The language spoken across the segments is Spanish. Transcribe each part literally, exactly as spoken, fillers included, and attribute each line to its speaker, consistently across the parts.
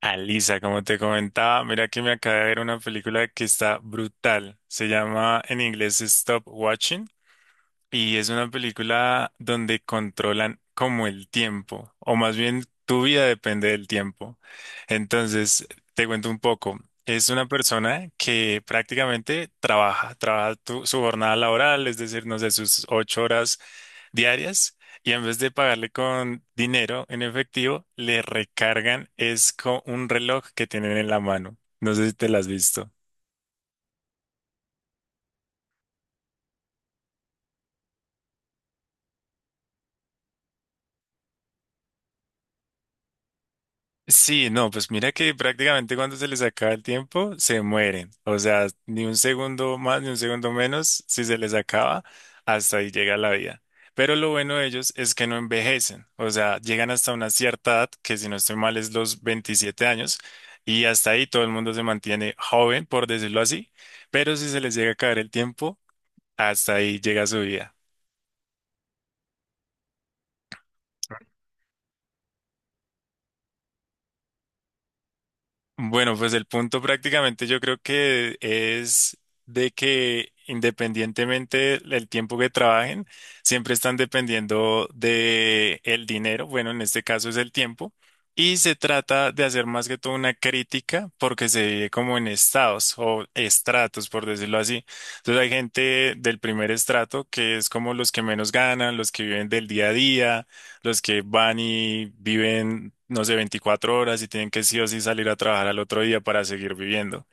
Speaker 1: Alisa, como te comentaba, mira que me acabé de ver una película que está brutal. Se llama en inglés Stop Watching. Y es una película donde controlan como el tiempo, o más bien tu vida depende del tiempo. Entonces, te cuento un poco. Es una persona que prácticamente trabaja, trabaja tu- su jornada laboral, es decir, no sé, sus ocho horas diarias, y en vez de pagarle con dinero en efectivo, le recargan es con un reloj que tienen en la mano. No sé si te lo has visto. Sí, no, pues mira que prácticamente cuando se les acaba el tiempo, se mueren. O sea, ni un segundo más, ni un segundo menos, si se les acaba, hasta ahí llega la vida. Pero lo bueno de ellos es que no envejecen. O sea, llegan hasta una cierta edad, que si no estoy mal es los veintisiete años, y hasta ahí todo el mundo se mantiene joven, por decirlo así. Pero si se les llega a acabar el tiempo, hasta ahí llega su vida. Bueno, pues el punto prácticamente yo creo que es de que independientemente del tiempo que trabajen, siempre están dependiendo de el dinero, bueno, en este caso es el tiempo, y se trata de hacer más que todo una crítica porque se vive como en estados o estratos, por decirlo así. Entonces hay gente del primer estrato que es como los que menos ganan, los que viven del día a día, los que van y viven, no sé, veinticuatro horas y tienen que sí o sí salir a trabajar al otro día para seguir viviendo.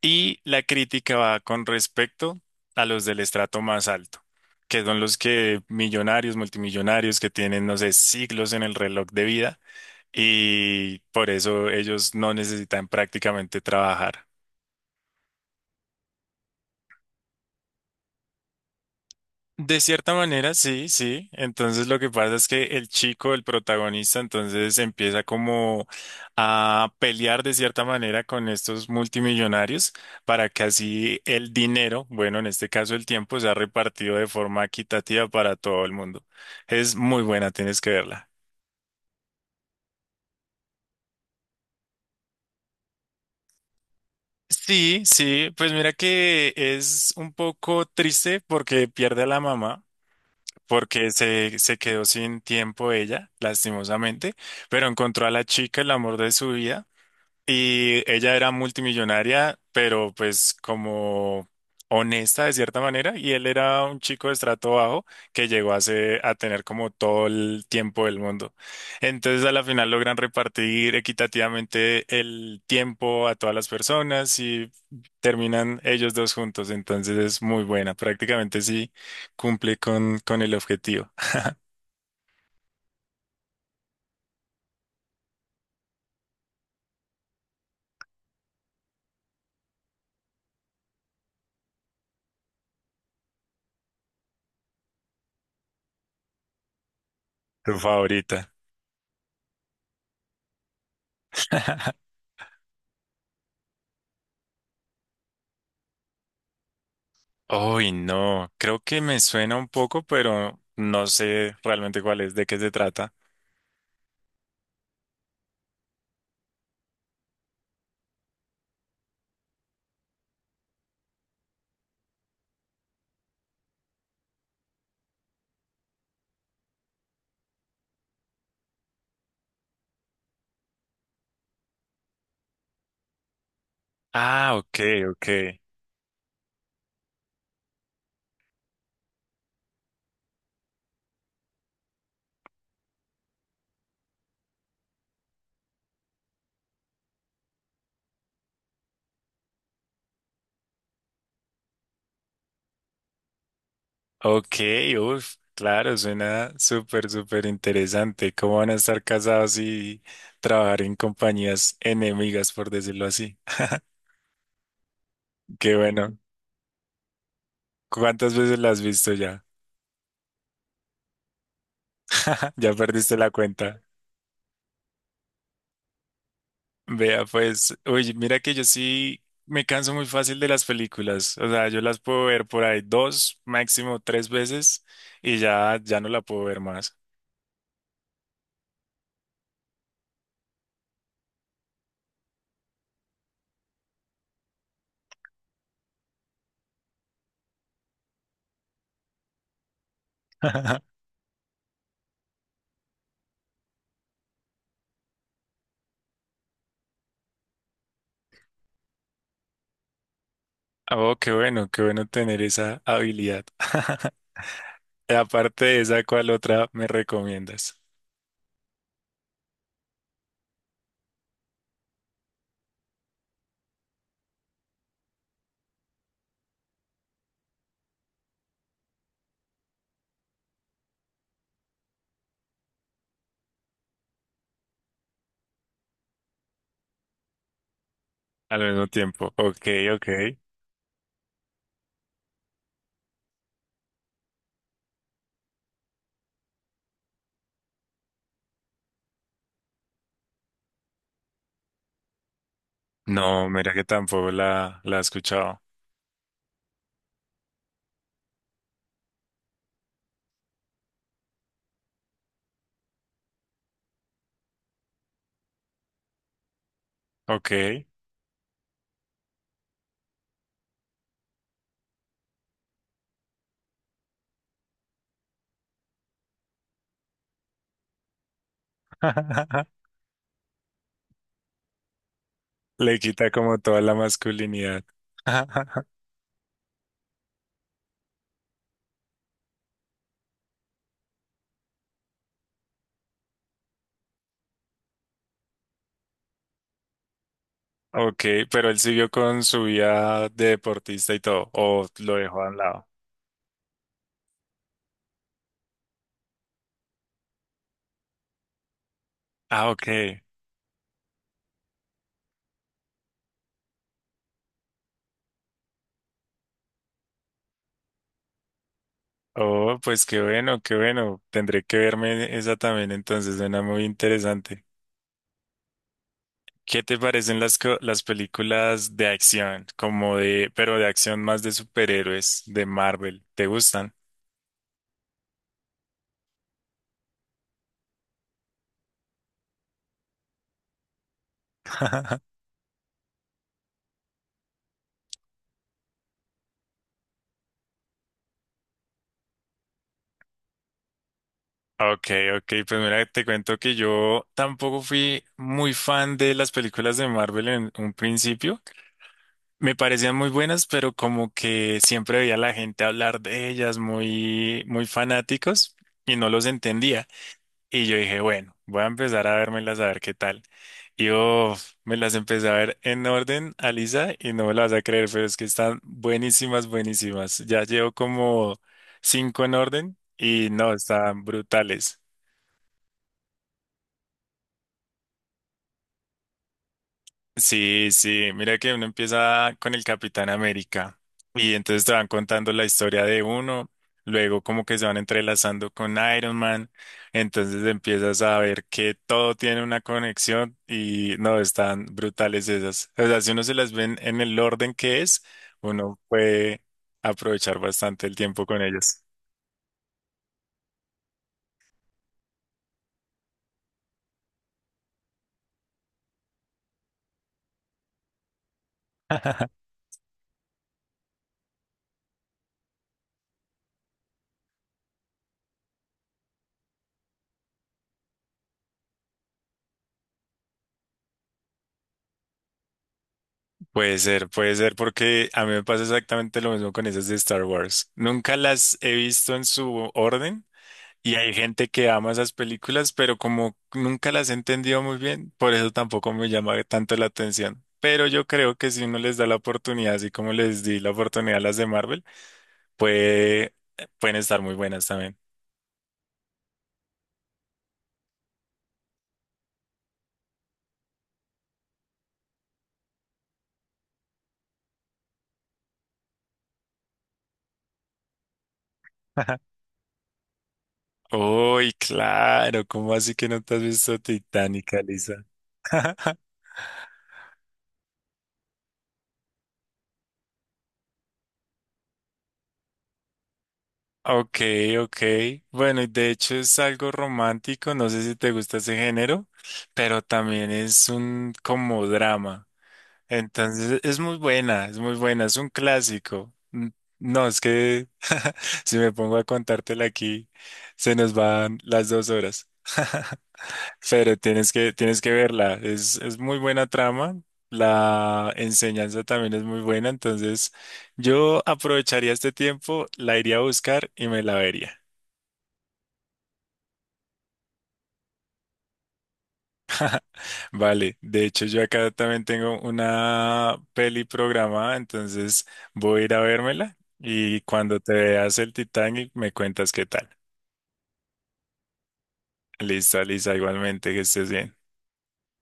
Speaker 1: Y la crítica va con respecto a los del estrato más alto, que son los que millonarios, multimillonarios, que tienen, no sé, siglos en el reloj de vida y por eso ellos no necesitan prácticamente trabajar. De cierta manera, sí, sí. Entonces lo que pasa es que el chico, el protagonista, entonces empieza como a pelear de cierta manera con estos multimillonarios para que así el dinero, bueno, en este caso el tiempo, sea repartido de forma equitativa para todo el mundo. Es muy buena, tienes que verla. Sí, sí, pues mira que es un poco triste porque pierde a la mamá. Porque se, se quedó sin tiempo ella, lastimosamente, pero encontró a la chica, el amor de su vida. Y ella era multimillonaria, pero pues como honesta de cierta manera, y él era un chico de estrato bajo que llegó a, se- a tener como todo el tiempo del mundo. Entonces a la final logran repartir equitativamente el tiempo a todas las personas y terminan ellos dos juntos. Entonces es muy buena, prácticamente sí cumple con, con el objetivo. Tu favorita. Uy, no, creo que me suena un poco, pero no sé realmente cuál es, de qué se trata. Ah, ok, ok. Ok, uff, claro, suena súper, súper interesante. ¿Cómo van a estar casados y trabajar en compañías enemigas, por decirlo así? Qué bueno. ¿Cuántas veces las has visto ya? Ya perdiste la cuenta. Vea, pues, oye, mira que yo sí me canso muy fácil de las películas. O sea, yo las puedo ver por ahí dos, máximo tres veces y ya, ya no la puedo ver más. Oh, qué bueno, qué bueno tener esa habilidad. Aparte de esa, ¿cuál otra me recomiendas? Al mismo tiempo. Ok, ok. No, mira que tampoco la, la he escuchado. Ok. Le quita como toda la masculinidad. Ok, pero él siguió con su vida de deportista y todo, o lo dejó a un lado. Ah, ok. Oh, pues qué bueno, qué bueno. Tendré que verme esa también, entonces suena muy interesante. ¿Qué te parecen las, co- las películas de acción? Como de, pero de acción más de superhéroes, de Marvel. ¿Te gustan? Ok, ok, pues mira, te cuento que yo tampoco fui muy fan de las películas de Marvel en un principio. Me parecían muy buenas, pero como que siempre veía a la gente hablar de ellas muy, muy fanáticos y no los entendía. Y yo dije, bueno, voy a empezar a vérmelas a ver qué tal. Y oh, me las empecé a ver en orden, Alisa, y no me las vas a creer, pero es que están buenísimas, buenísimas. Ya llevo como cinco en orden y no, están brutales. Sí, sí, mira que uno empieza con el Capitán América y entonces te van contando la historia de uno, luego como que se van entrelazando con Iron Man, entonces empiezas a ver que todo tiene una conexión y no, están brutales esas. O sea, si uno se las ven en el orden que es, uno puede aprovechar bastante el tiempo con ellas. Puede ser, puede ser, porque a mí me pasa exactamente lo mismo con esas de Star Wars. Nunca las he visto en su orden. Y hay gente que ama esas películas, pero como nunca las he entendido muy bien, por eso tampoco me llama tanto la atención. Pero yo creo que si uno les da la oportunidad, así como les di la oportunidad a las de Marvel, puede, pueden estar muy buenas también. Uy, claro, ¿cómo así que no te has visto Titanic, Lisa? Ok, ok. Bueno, y de hecho es algo romántico, no sé si te gusta ese género, pero también es un como drama. Entonces es muy buena, es muy buena, es un clásico. N- No, es que si me pongo a contártela aquí, se nos van las dos horas. Pero tienes que, tienes que verla, es, es muy buena trama, la enseñanza también es muy buena, entonces yo aprovecharía este tiempo, la iría a buscar y me la vería. Vale, de hecho yo acá también tengo una peli programada, entonces voy a ir a vérmela y cuando te veas el Titanic me cuentas qué tal. Listo, Lisa, igualmente que estés bien.